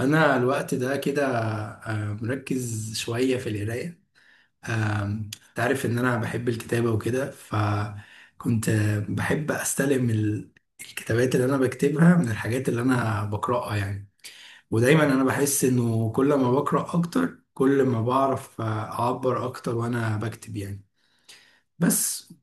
انا الوقت ده كده، مركز شويه في القرايه. آم، تعرف ان انا بحب الكتابه وكده، فكنت بحب استلم الكتابات اللي انا بكتبها من الحاجات اللي انا بقراها يعني. ودايما انا بحس انه كل ما بقرا اكتر كل ما بعرف اعبر اكتر وانا بكتب يعني. بس.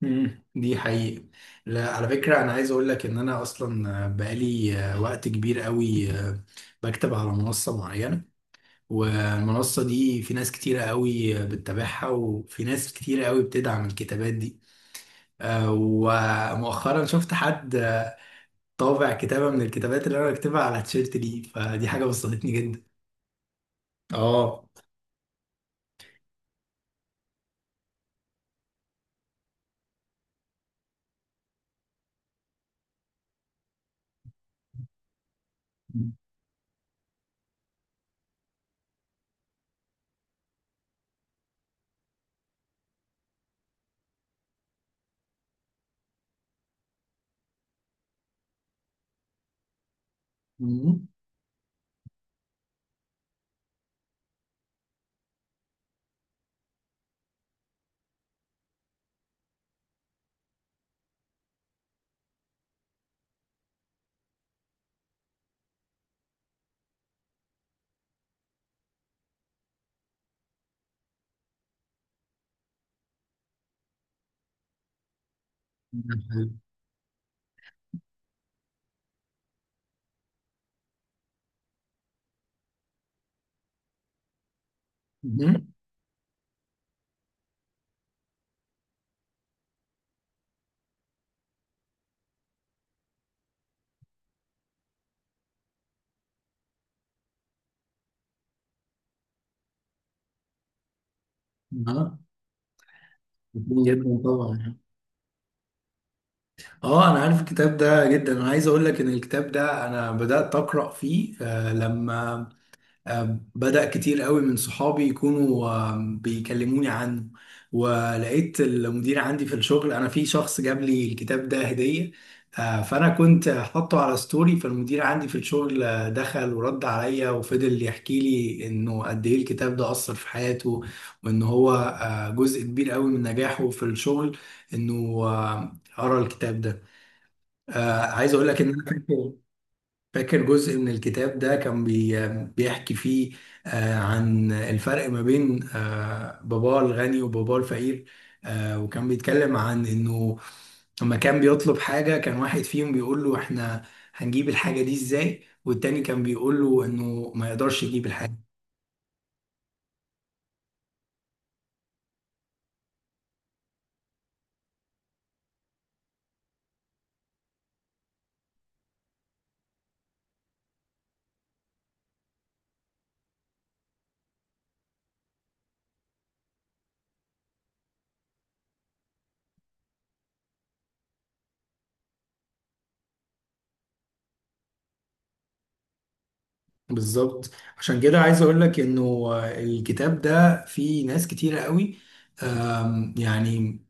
مم، دي حقيقة. لا، على فكرة أنا عايز أقول لك إن أنا أصلا بقالي وقت كبير قوي بكتب على منصة معينة. والمنصة دي في ناس كتيرة قوي بتتابعها، وفي ناس كتيرة قوي بتدعم الكتابات دي. ومؤخرا شفت حد طابع كتابة من الكتابات اللي أنا بكتبها على تيشيرت لي، فدي حاجة بسطتني جدا. اه. مم. مم. اه، جدا طبعا. اه، انا عارف الكتاب ده جدا. انا عايز اقول لك ان الكتاب ده انا بدات اقرا فيه، لما بدأ كتير قوي من صحابي يكونوا بيكلموني عنه. ولقيت المدير عندي في الشغل، انا في شخص جاب لي الكتاب ده هدية. فانا كنت حاطه على ستوري، فالمدير عندي في الشغل دخل ورد عليا وفضل يحكي لي انه قد ايه الكتاب ده اثر في حياته، وان هو جزء كبير قوي من نجاحه في الشغل انه قرا الكتاب ده. عايز اقول لك ان انا فاكر، فاكر جزء من الكتاب ده كان بي بيحكي فيه عن الفرق ما بين باباه الغني وباباه الفقير. وكان بيتكلم عن انه لما كان بيطلب حاجة، كان واحد فيهم بيقول له احنا هنجيب الحاجة دي ازاي، والتاني كان بيقول له انه ما يقدرش يجيب الحاجة. بالظبط. عشان كده عايز اقول لك انه الكتاب ده فيه ناس كتيرة قوي يعني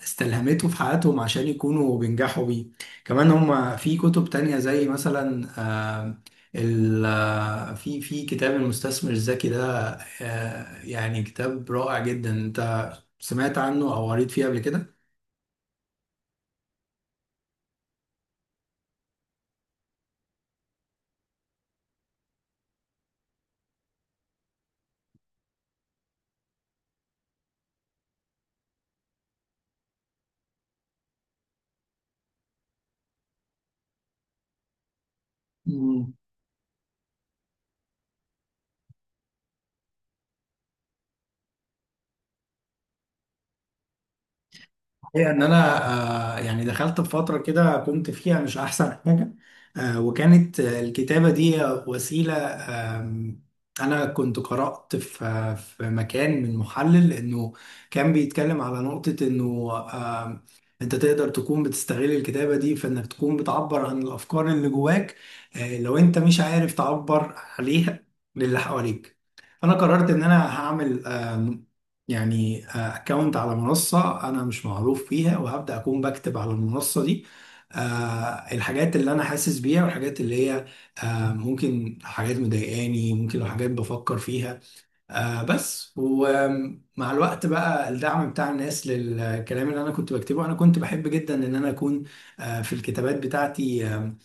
استلهمته في حياتهم عشان يكونوا بينجحوا بيه. كمان هم في كتب تانية زي مثلا آه، ال آه، في كتاب المستثمر الذكي ده، يعني كتاب رائع جدا. انت سمعت عنه او قريت فيه قبل كده؟ هي ان انا، يعني دخلت في فتره كده كنت فيها مش احسن حاجه، وكانت الكتابه دي وسيله. انا كنت قرات في مكان من محلل انه كان بيتكلم على نقطه انه آم، انت تقدر تكون بتستغل الكتابه دي في انك تكون بتعبر عن الافكار اللي جواك، لو انت مش عارف تعبر عليها للي حواليك. فانا قررت ان انا هعمل، يعني اكونت على منصة انا مش معروف فيها، وهبدأ اكون بكتب على المنصة دي آه، الحاجات اللي انا حاسس بيها، والحاجات اللي هي ممكن حاجات مضايقاني، ممكن لو حاجات بفكر فيها. بس ومع الوقت بقى الدعم بتاع الناس للكلام اللي انا كنت بكتبه، انا كنت بحب جدا ان انا اكون في الكتابات بتاعتي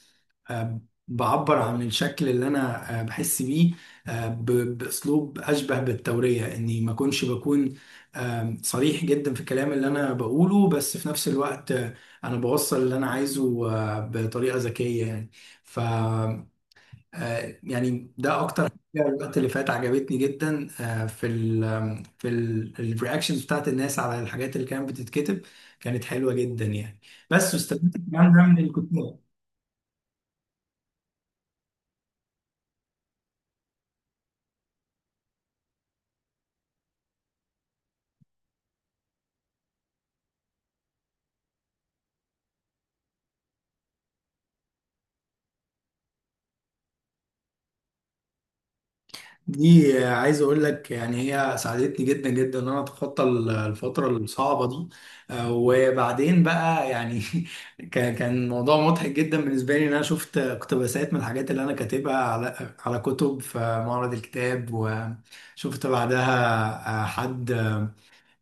آه، بعبر عن الشكل اللي انا بحس بيه باسلوب اشبه بالتوريه، اني ما اكونش بكون صريح جدا في الكلام اللي انا بقوله، بس في نفس الوقت انا بوصل اللي انا عايزه بطريقه ذكيه يعني. ف يعني ده اكتر حاجه، الوقت اللي فات عجبتني جدا. في ال آم، في الرياكشنز بتاعت الناس على الحاجات اللي كانت بتتكتب، كانت حلوه جدا يعني. بس واستفدت كمان ده من الكتاب. دي عايز اقول لك يعني هي ساعدتني جدا جدا ان انا اتخطى الفتره الصعبه دي. وبعدين بقى يعني كان موضوع مضحك جدا بالنسبه لي، ان انا شفت اقتباسات من الحاجات اللي انا كاتبها على كتب في معرض الكتاب. وشفت بعدها حد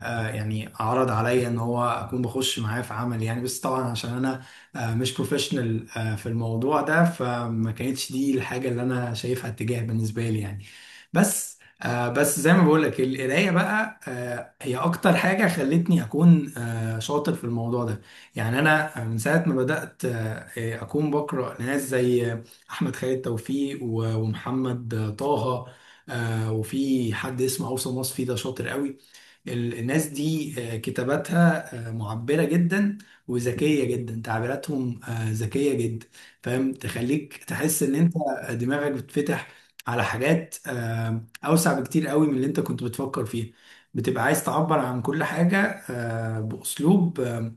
يعني عرض عليا ان هو اكون بخش معاه في عمل يعني، بس طبعا عشان انا مش بروفيشنال في الموضوع ده، فما كانتش دي الحاجه اللي انا شايفها اتجاه بالنسبه لي يعني. بس زي ما بقول لك، القرايه بقى هي اكتر حاجه خلتني اكون شاطر في الموضوع ده. يعني انا، من ساعه ما بدات اكون بقرا ناس زي احمد خالد توفيق ومحمد طه، وفي حد اسمه اوسم وصفي، ده شاطر قوي. الناس دي كتاباتها معبرة جدا، وذكية جدا. تعبيراتهم ذكية جدا، فاهم؟ تخليك تحس ان انت دماغك بتفتح على حاجات اوسع بكتير قوي من اللي انت كنت بتفكر فيها. بتبقى عايز تعبر عن كل حاجة بأسلوب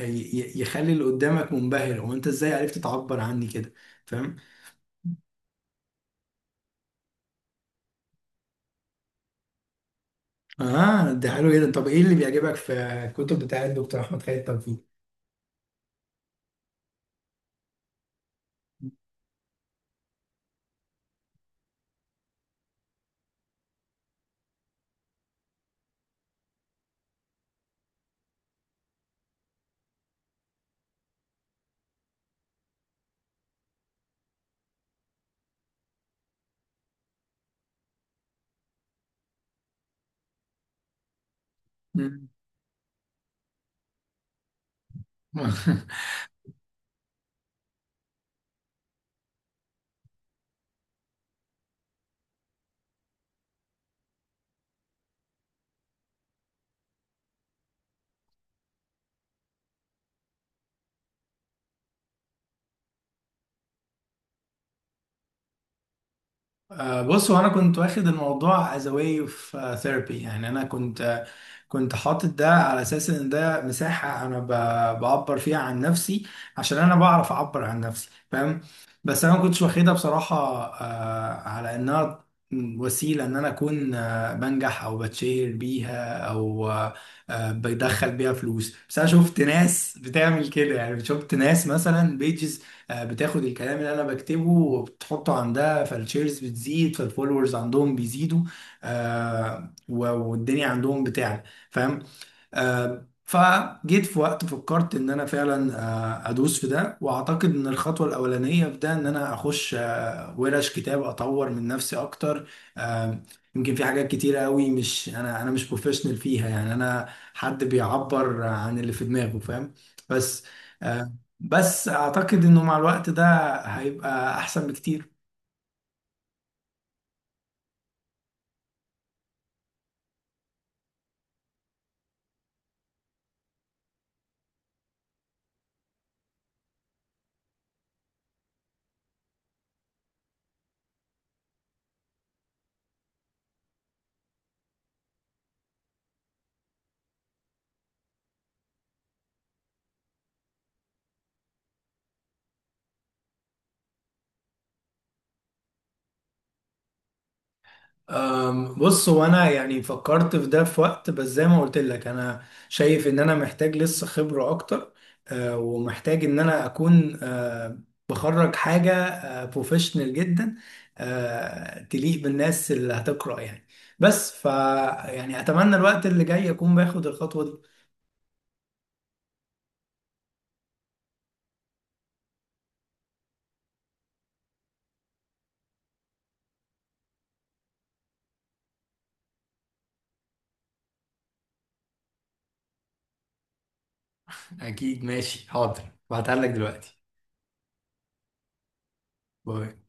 يخلي اللي قدامك منبهر، هو انت ازاي عرفت تعبر عني كده؟ فاهم؟ اه، ده حلو جدا. طب ايه اللي بيعجبك في الكتب بتاعت الدكتور احمد خالد توفيق؟ مم. بص، هو انا كنت واخد الموضوع as a way of therapy يعني. انا كنت، كنت حاطط ده على اساس ان ده مساحة انا بعبر فيها عن نفسي، عشان انا بعرف اعبر عن نفسي، فاهم؟ بس انا ما كنتش واخدها بصراحة على انها وسيلة ان انا اكون، بنجح او بتشهر بيها، او بدخل بيها فلوس. بس انا شفت ناس بتعمل كده، يعني شفت ناس مثلا بيجز بتاخد الكلام اللي انا بكتبه وبتحطه عندها، فالشيرز بتزيد، فالفولورز عندهم بيزيدوا، والدنيا عندهم بتعلى، فاهم؟ فجيت في وقت فكرت ان انا فعلا ادوس في ده، واعتقد ان الخطوه الاولانيه في ده ان انا اخش ورش كتاب اطور من نفسي اكتر. آه، يمكن في حاجات كتيره قوي مش انا، انا مش بروفيشنال فيها، يعني انا حد بيعبر عن اللي في دماغه، فاهم؟ بس آه، بس اعتقد انه مع الوقت ده هيبقى احسن بكتير. بص، هو انا يعني فكرت في ده في وقت، بس زي ما قلت لك انا شايف ان انا محتاج لسه خبرة اكتر. ومحتاج ان انا اكون بخرج حاجة بروفيشنال جدا تليق بالناس اللي هتقرأ يعني. بس ف، يعني اتمنى الوقت اللي جاي اكون باخد الخطوة دي. اكيد، ماشي، حاضر. بعتها لك دلوقتي. باي.